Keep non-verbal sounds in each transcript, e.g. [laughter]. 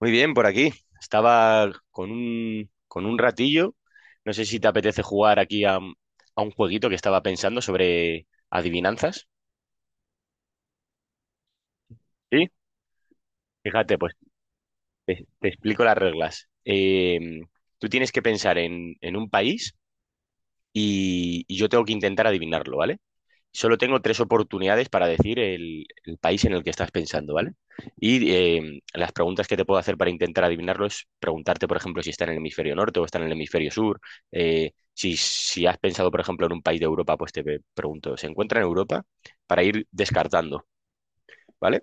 Muy bien, por aquí. Estaba con con un ratillo. No sé si te apetece jugar aquí a un jueguito que estaba pensando sobre adivinanzas. Sí. Fíjate, pues te explico las reglas. Tú tienes que pensar en un país y yo tengo que intentar adivinarlo, ¿vale? Solo tengo tres oportunidades para decir el país en el que estás pensando, ¿vale? Y las preguntas que te puedo hacer para intentar adivinarlo es preguntarte, por ejemplo, si está en el hemisferio norte o está en el hemisferio sur. Si has pensado, por ejemplo, en un país de Europa, pues te pregunto, ¿se encuentra en Europa? Para ir descartando, ¿vale?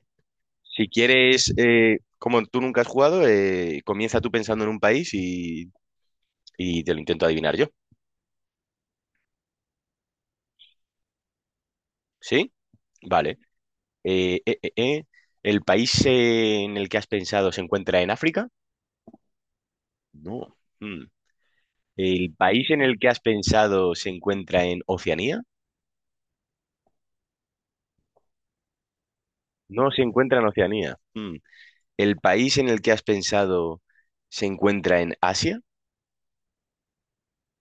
Si quieres, como tú nunca has jugado, comienza tú pensando en un país y te lo intento adivinar yo. ¿Sí? Vale. Eh, eh, eh, eh. ¿El país en el que has pensado se encuentra en África? No. Mm. ¿El país en el que has pensado se encuentra en Oceanía? No se encuentra en Oceanía. Mm. ¿El país en el que has pensado se encuentra en Asia?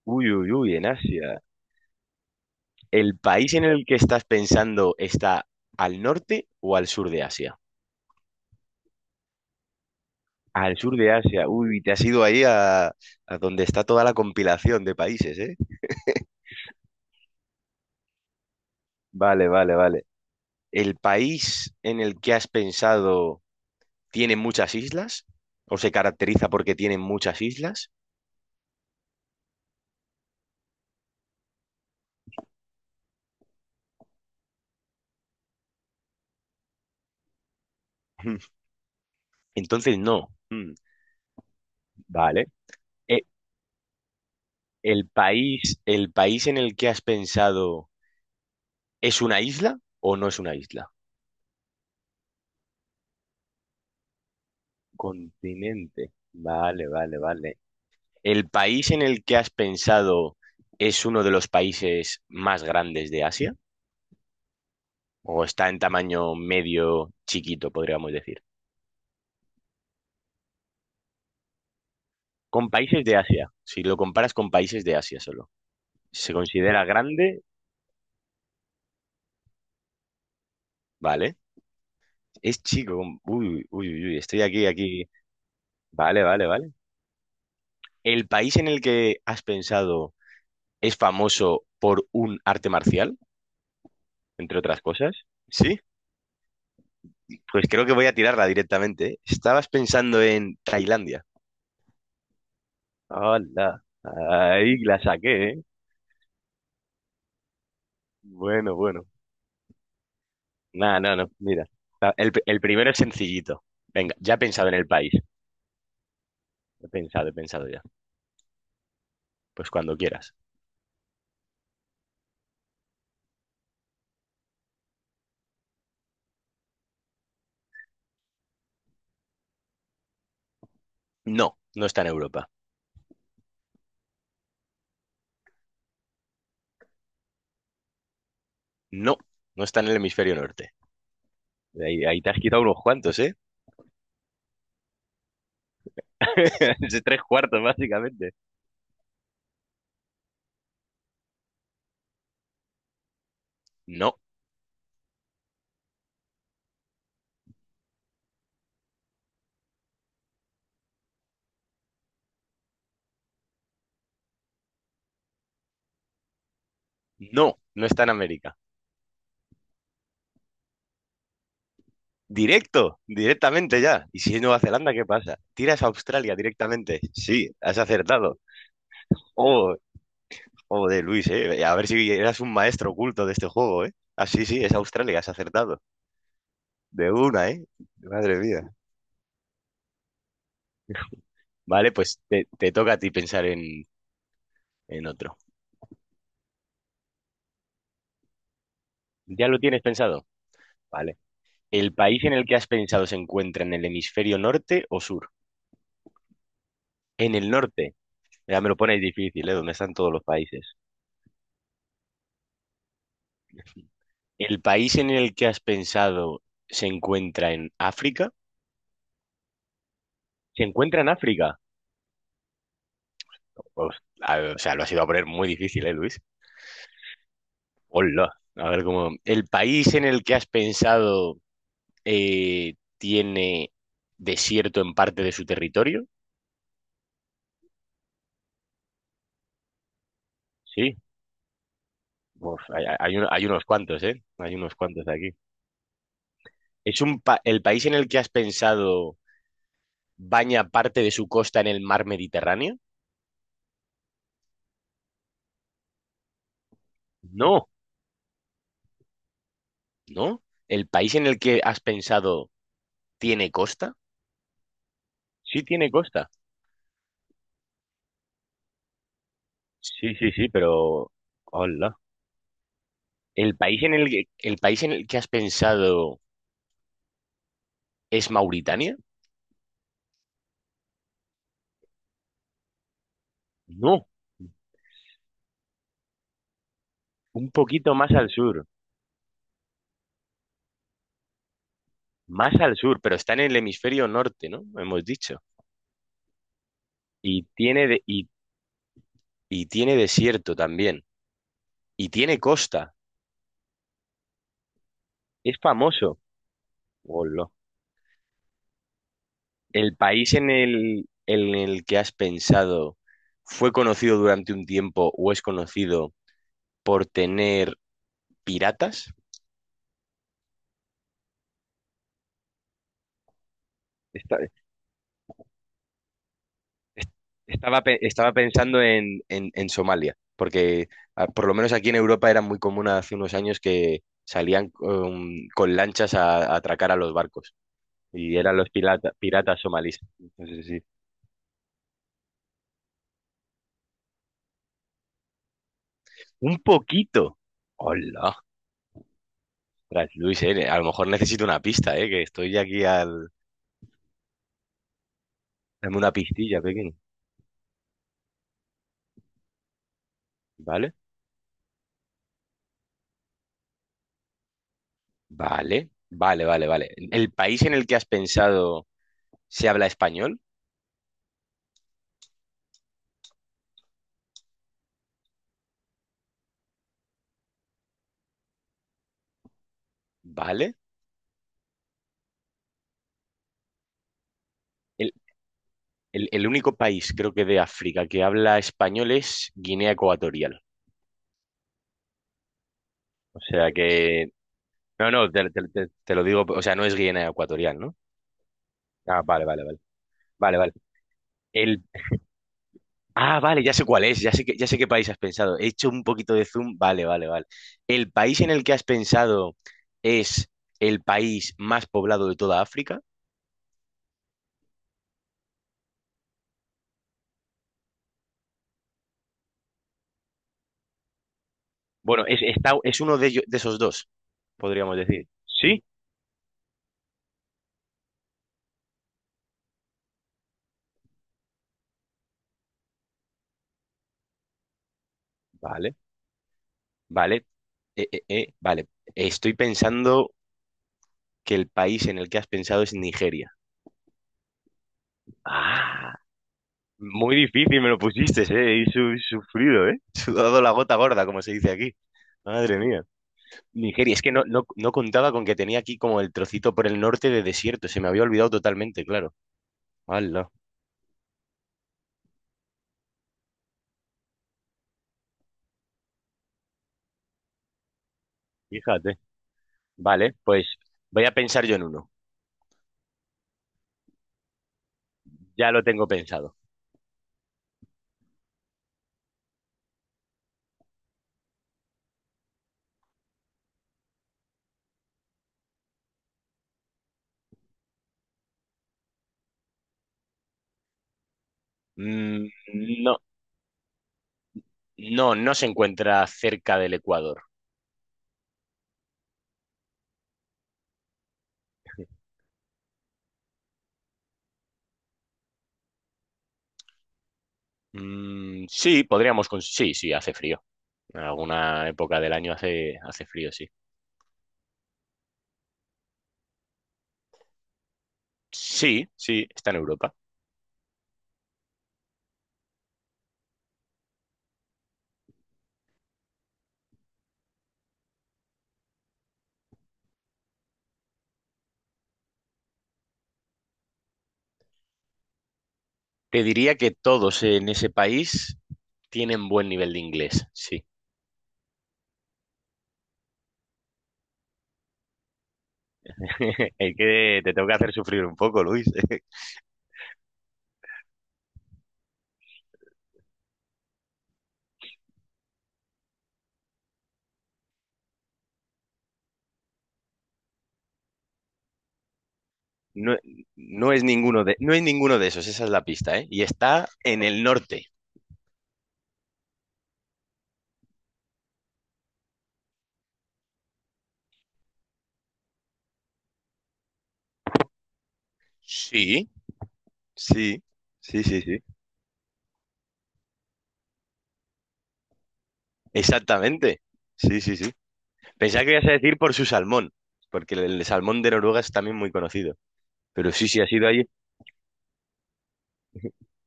Uy, uy, uy, en Asia. ¿El país en el que estás pensando está al norte o al sur de Asia? Al sur de Asia. Uy, te has ido ahí a donde está toda la compilación de países, ¿eh? Vale, vale, vale. ¿El país en el que has pensado tiene muchas islas? ¿O se caracteriza porque tiene muchas islas? Mm, entonces no. Mm, vale. Eh, el país en el que has pensado es una isla o no es una isla? Continente. Vale, vale, vale. ¿El país en el que has pensado es uno de los países más grandes de Asia? ¿O está en tamaño medio chiquito, podríamos decir? Con países de Asia. Si lo comparas con países de Asia solo. Si se considera grande, vale. Es chico. Uy, uy, uy, uy, estoy aquí, aquí. Vale, vale, vale. ¿El país en el que has pensado es famoso por un arte marcial, entre otras cosas? Sí. Pues creo que voy a tirarla directamente, ¿eh? Estabas pensando en Tailandia. Hola. Ahí la saqué, ¿eh? Bueno, bueno. No, no, no. Mira. El primero es sencillito. Venga, ya he pensado en el país. He pensado ya. Pues cuando quieras. No, no está en Europa. No, no está en el hemisferio norte. Ahí, ahí te has quitado unos cuantos, ¿eh? [laughs] Es de tres cuartos, básicamente. No, no, no está en América. Directo, directamente ya. ¿Y si es Nueva Zelanda, qué pasa? Tiras a Australia directamente. Sí, has acertado. Oh, de Luis, ¿eh? A ver si eras un maestro oculto de este juego, ¿eh? Ah, sí, sí, es Australia, has acertado. De una, ¿eh? Madre mía. Vale, pues te toca a ti pensar en otro. ¿Ya lo tienes pensado? Vale. ¿El país en el que has pensado se encuentra en el hemisferio norte o sur? En el norte. Ya me lo pones difícil, ¿eh? ¿Dónde están todos los países? ¿El país en el que has pensado se encuentra en África? ¿Se encuentra en África? Pues, a ver, o sea, lo has ido a poner muy difícil, ¿eh, Luis? Hola. A ver cómo. ¿El país en el que has pensado tiene desierto en parte de su territorio? Sí. Uf, hay, hay unos cuantos, ¿eh? Hay unos cuantos aquí. ¿Es un el país en el que has pensado baña parte de su costa en el mar Mediterráneo? No, no. ¿El país en el que has pensado tiene costa? Sí, tiene costa. Sí, sí, sí, pero... Hola. ¿El país en el que has pensado es Mauritania? No, un poquito más al sur. Más al sur, pero está en el hemisferio norte, ¿no? Hemos dicho. Y tiene, y tiene desierto también. Y tiene costa. Es famoso. Hola. ¿El país en en el que has pensado fue conocido durante un tiempo o es conocido por tener piratas? Esta- estaba pensando en Somalia, porque ah, por lo menos aquí en Europa era muy común hace unos años que salían con lanchas a atracar a los barcos y eran los piratas somalíes. Entonces, sí. Un poquito. Hola. Tras Luis, a lo mejor necesito una pista, que estoy aquí al... Dame una pistilla pequeña. Vale, vale, vale, vale, vale. ¿El país en el que has pensado se habla español? Vale. El, el único país, creo que de África, que habla español es Guinea Ecuatorial. O sea que... No, no, te, te lo digo, o sea, no es Guinea Ecuatorial, ¿no? Ah, vale, vale, vale. Vale, vale. El... Ah, vale, ya sé cuál es, ya sé que, ya sé qué país has pensado. He hecho un poquito de zoom. Vale, vale, vale. ¿El país en el que has pensado es el país más poblado de toda África? Bueno, es, está, es uno de, de esos dos, podríamos decir. Sí, vale, vale. Vale. Estoy pensando que el país en el que has pensado es Nigeria. Ah, muy difícil me lo pusiste, ¿eh? Y sufrido, ¿eh? [laughs] Sudado la gota gorda, como se dice aquí. Madre mía. Nigeria, es que no, no, no contaba con que tenía aquí como el trocito por el norte de desierto. Se me había olvidado totalmente, claro. Hala, fíjate. Vale, pues voy a pensar yo en uno. Ya lo tengo pensado. Mm, no. No, no se encuentra cerca del Ecuador. Mm, sí, podríamos... Sí, sí, hace frío. En alguna época del año hace, hace frío, sí. Sí, sí, está en Europa. Te diría que todos en ese país tienen buen nivel de inglés, sí. [laughs] Es que te tengo que hacer sufrir un poco, Luis. [laughs] No, no es ninguno de, no es ninguno de esos, esa es la pista, ¿eh? Y está en el norte. Sí, sí, sí, sí, sí. Exactamente. Sí, sí, sí. Pensaba que ibas a decir por su salmón, porque el salmón de Noruega es también muy conocido. Pero sí, sí, ha sido allí.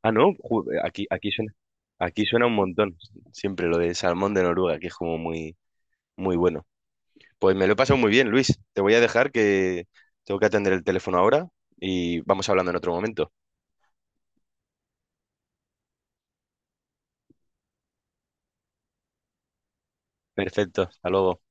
Ah, no, aquí, aquí suena un montón. Siempre lo de salmón de Noruega, que es como muy, muy bueno. Pues me lo he pasado muy bien, Luis. Te voy a dejar que tengo que atender el teléfono ahora y vamos hablando en otro momento. Perfecto, hasta luego.